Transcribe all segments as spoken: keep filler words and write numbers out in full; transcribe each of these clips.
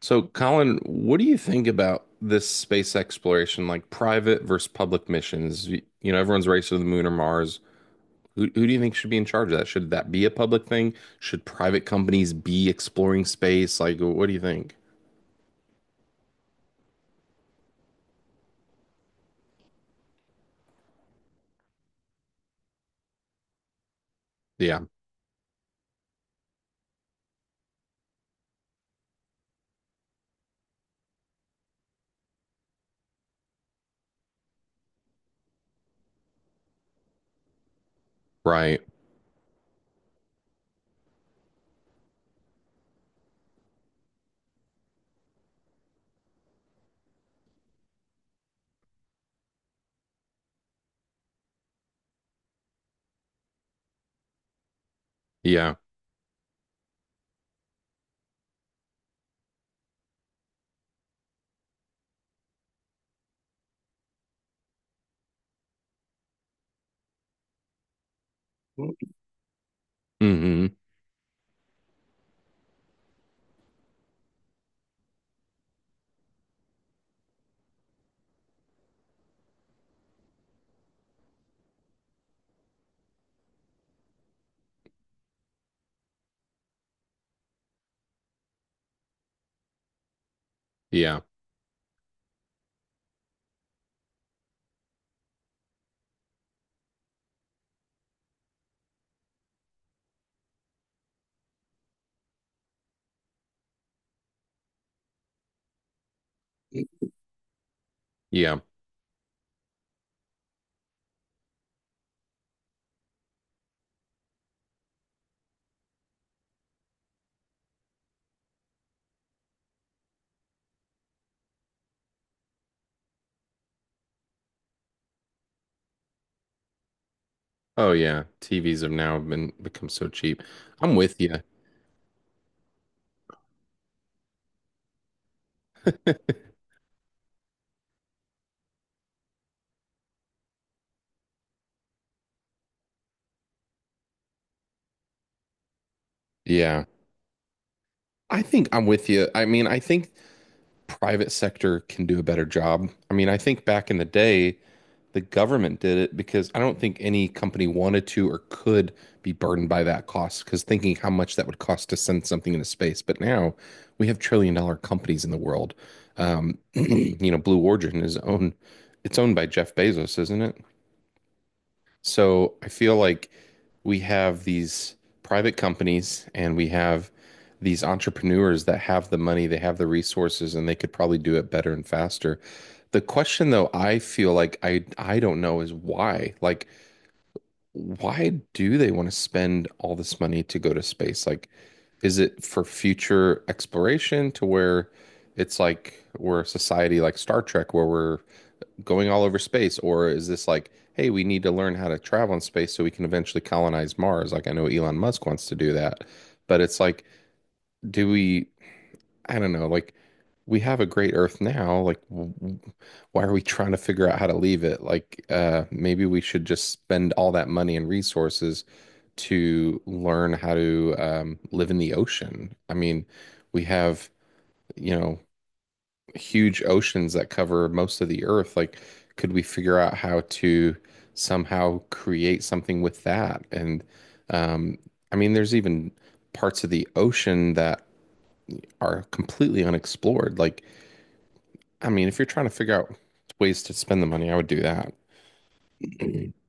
So, Colin, what do you think about this space exploration, like private versus public missions? You you know, everyone's racing to the moon or Mars. Who, who do you think should be in charge of that? Should that be a public thing? Should private companies be exploring space? Like, what do you think? Yeah, right. Yeah. Mm-hmm. Yeah. Yeah. Oh yeah. T Vs have now been become so cheap. I'm with you. Yeah. I think I'm with you. I mean, I think private sector can do a better job. I mean, I think back in the day, the government did it because I don't think any company wanted to or could be burdened by that cost because thinking how much that would cost to send something into space. But now we have trillion dollar companies in the world. Um, you know, Blue Origin is owned, it's owned by Jeff Bezos, isn't it? So I feel like we have these private companies and we have these entrepreneurs that have the money, they have the resources, and they could probably do it better and faster. The question though, I feel like I I don't know is why. Like, why do they want to spend all this money to go to space? Like, is it for future exploration to where it's like we're a society like Star Trek where we're going all over space, or is this like, hey, we need to learn how to travel in space so we can eventually colonize Mars? Like I know Elon Musk wants to do that, but it's like, do we? I don't know. Like we have a great Earth now. Like w- w- why are we trying to figure out how to leave it? Like uh, maybe we should just spend all that money and resources to learn how to um, live in the ocean. I mean, we have, you know, huge oceans that cover most of the earth. Like, could we figure out how to somehow create something with that? And um, I mean, there's even parts of the ocean that are completely unexplored. Like, I mean, if you're trying to figure out ways to spend the money, I would do that.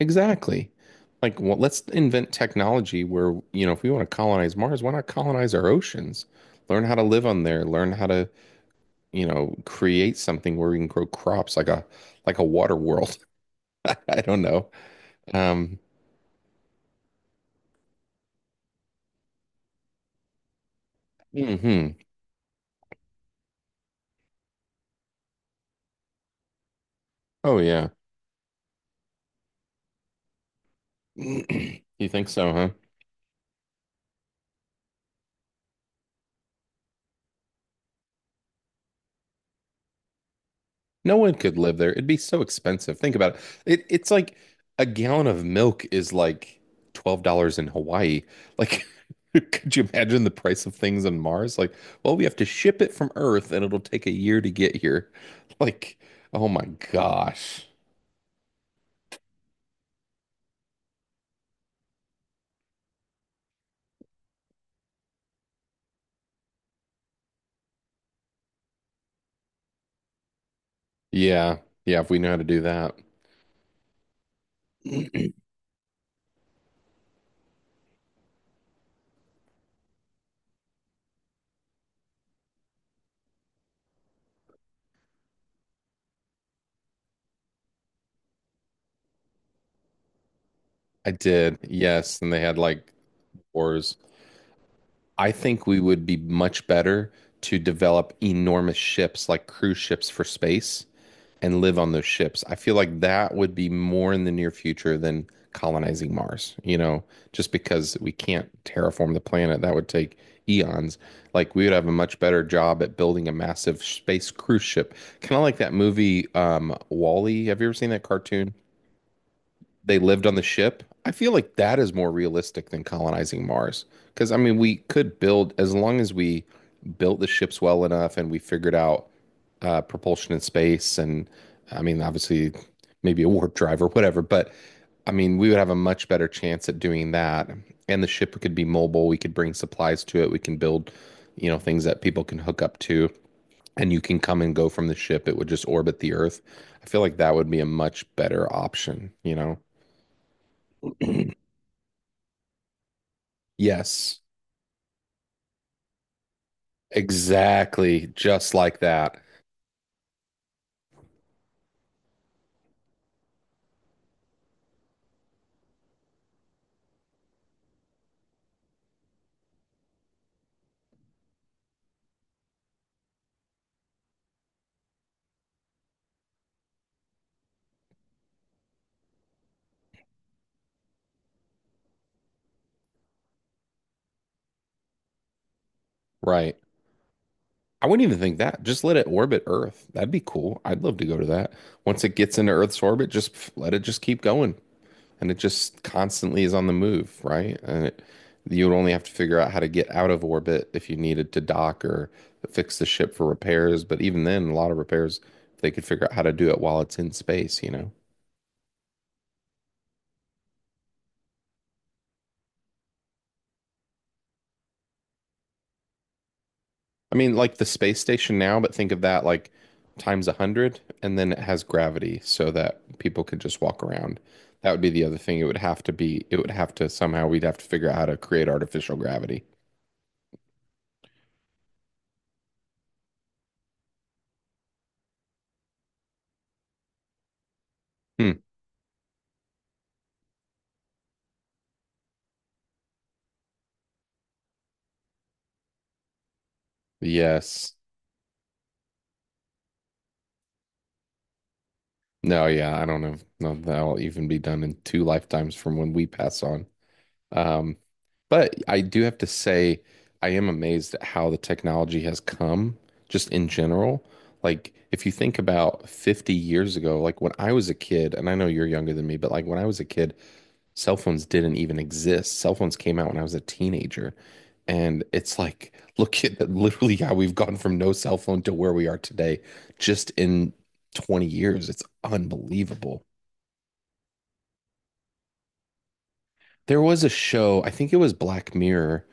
Exactly. Like, well, let's invent technology where, you know, if we want to colonize Mars, why not colonize our oceans? Learn how to live on there, learn how to you know, create something where we can grow crops like a like a water world. I don't know. Um, hmm. Oh yeah. You think so, huh? No one could live there. It'd be so expensive. Think about it. It it's like a gallon of milk is like twelve dollars in Hawaii. Like could you imagine the price of things on Mars? Like, well, we have to ship it from Earth and it'll take a year to get here. Like, oh my gosh. Yeah. Yeah, if we know how to do that. I did, yes, and they had like wars. I think we would be much better to develop enormous ships like cruise ships for space and live on those ships. I feel like that would be more in the near future than colonizing Mars, you know, just because we can't terraform the planet. That would take eons. Like we would have a much better job at building a massive space cruise ship. Kind of like that movie, um, Wall-E. Have you ever seen that cartoon? they lived on the ship. I feel like that is more realistic than colonizing Mars. Because, I mean, we could build, as long as we built the ships well enough and we figured out uh, propulsion in space, and I mean, obviously, maybe a warp drive or whatever, but I mean, we would have a much better chance at doing that. And the ship could be mobile. We could bring supplies to it. We can build, you know, things that people can hook up to, and you can come and go from the ship. It would just orbit the Earth. I feel like that would be a much better option, you know? Yes, exactly. Just like that. Right. I wouldn't even think that. Just let it orbit Earth. That'd be cool. I'd love to go to that. Once it gets into Earth's orbit, just f- let it just keep going. And it just constantly is on the move, right? And it, you would only have to figure out how to get out of orbit if you needed to dock or fix the ship for repairs. But even then, a lot of repairs, they could figure out how to do it while it's in space, you know? I mean, like the space station now, but think of that like times a hundred, and then it has gravity so that people could just walk around. That would be the other thing. It would have to be, it would have to somehow, we'd have to figure out how to create artificial gravity. Hmm. Yes. No, yeah, I don't know. No, that'll even be done in two lifetimes from when we pass on. Um, but I do have to say, I am amazed at how the technology has come just in general. Like, if you think about fifty years ago, like when I was a kid, and I know you're younger than me, but like when I was a kid, cell phones didn't even exist. Cell phones came out when I was a teenager. And it's like, look at that, literally how we've gone from no cell phone to where we are today just in twenty years. It's unbelievable. There was a show, I think it was Black Mirror.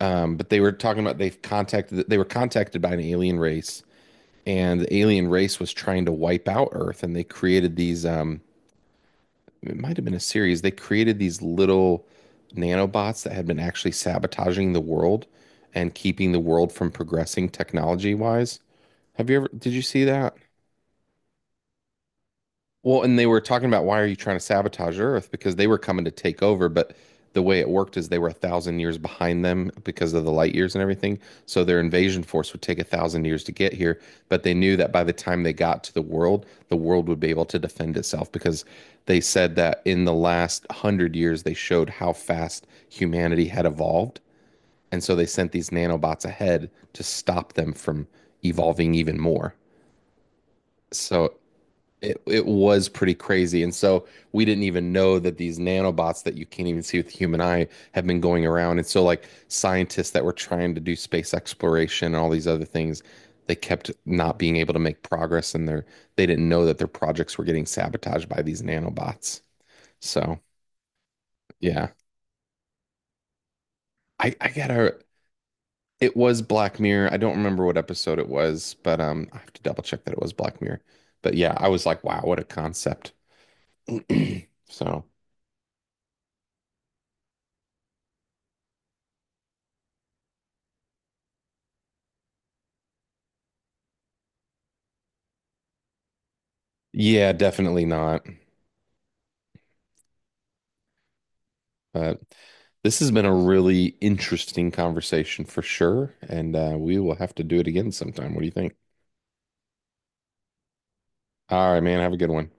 Um, but they were talking about they've contacted they were contacted by an alien race, and the alien race was trying to wipe out Earth, and they created these. Um, it might have been a series. They created these little nanobots that had been actually sabotaging the world and keeping the world from progressing technology wise. Have you ever? Did you see that? Well, and they were talking about why are you trying to sabotage Earth? Because they were coming to take over, but the way it worked is they were a thousand years behind them because of the light years and everything. So their invasion force would take a thousand years to get here, but they knew that by the time they got to the world, the world would be able to defend itself because they said that in the last hundred years they showed how fast humanity had evolved. And so they sent these nanobots ahead to stop them from evolving even more. So it it was pretty crazy. And so we didn't even know that these nanobots that you can't even see with the human eye have been going around. And so like scientists that were trying to do space exploration and all these other things, they kept not being able to make progress and their they didn't know that their projects were getting sabotaged by these nanobots. So yeah. I, I gotta it was Black Mirror. I don't remember what episode it was, but um I have to double check that it was Black Mirror. But yeah, I was like, wow, what a concept. So yeah, definitely not. But this has been a really interesting conversation for sure. And uh, we will have to do it again sometime. What do you think? All right, man. Have a good one.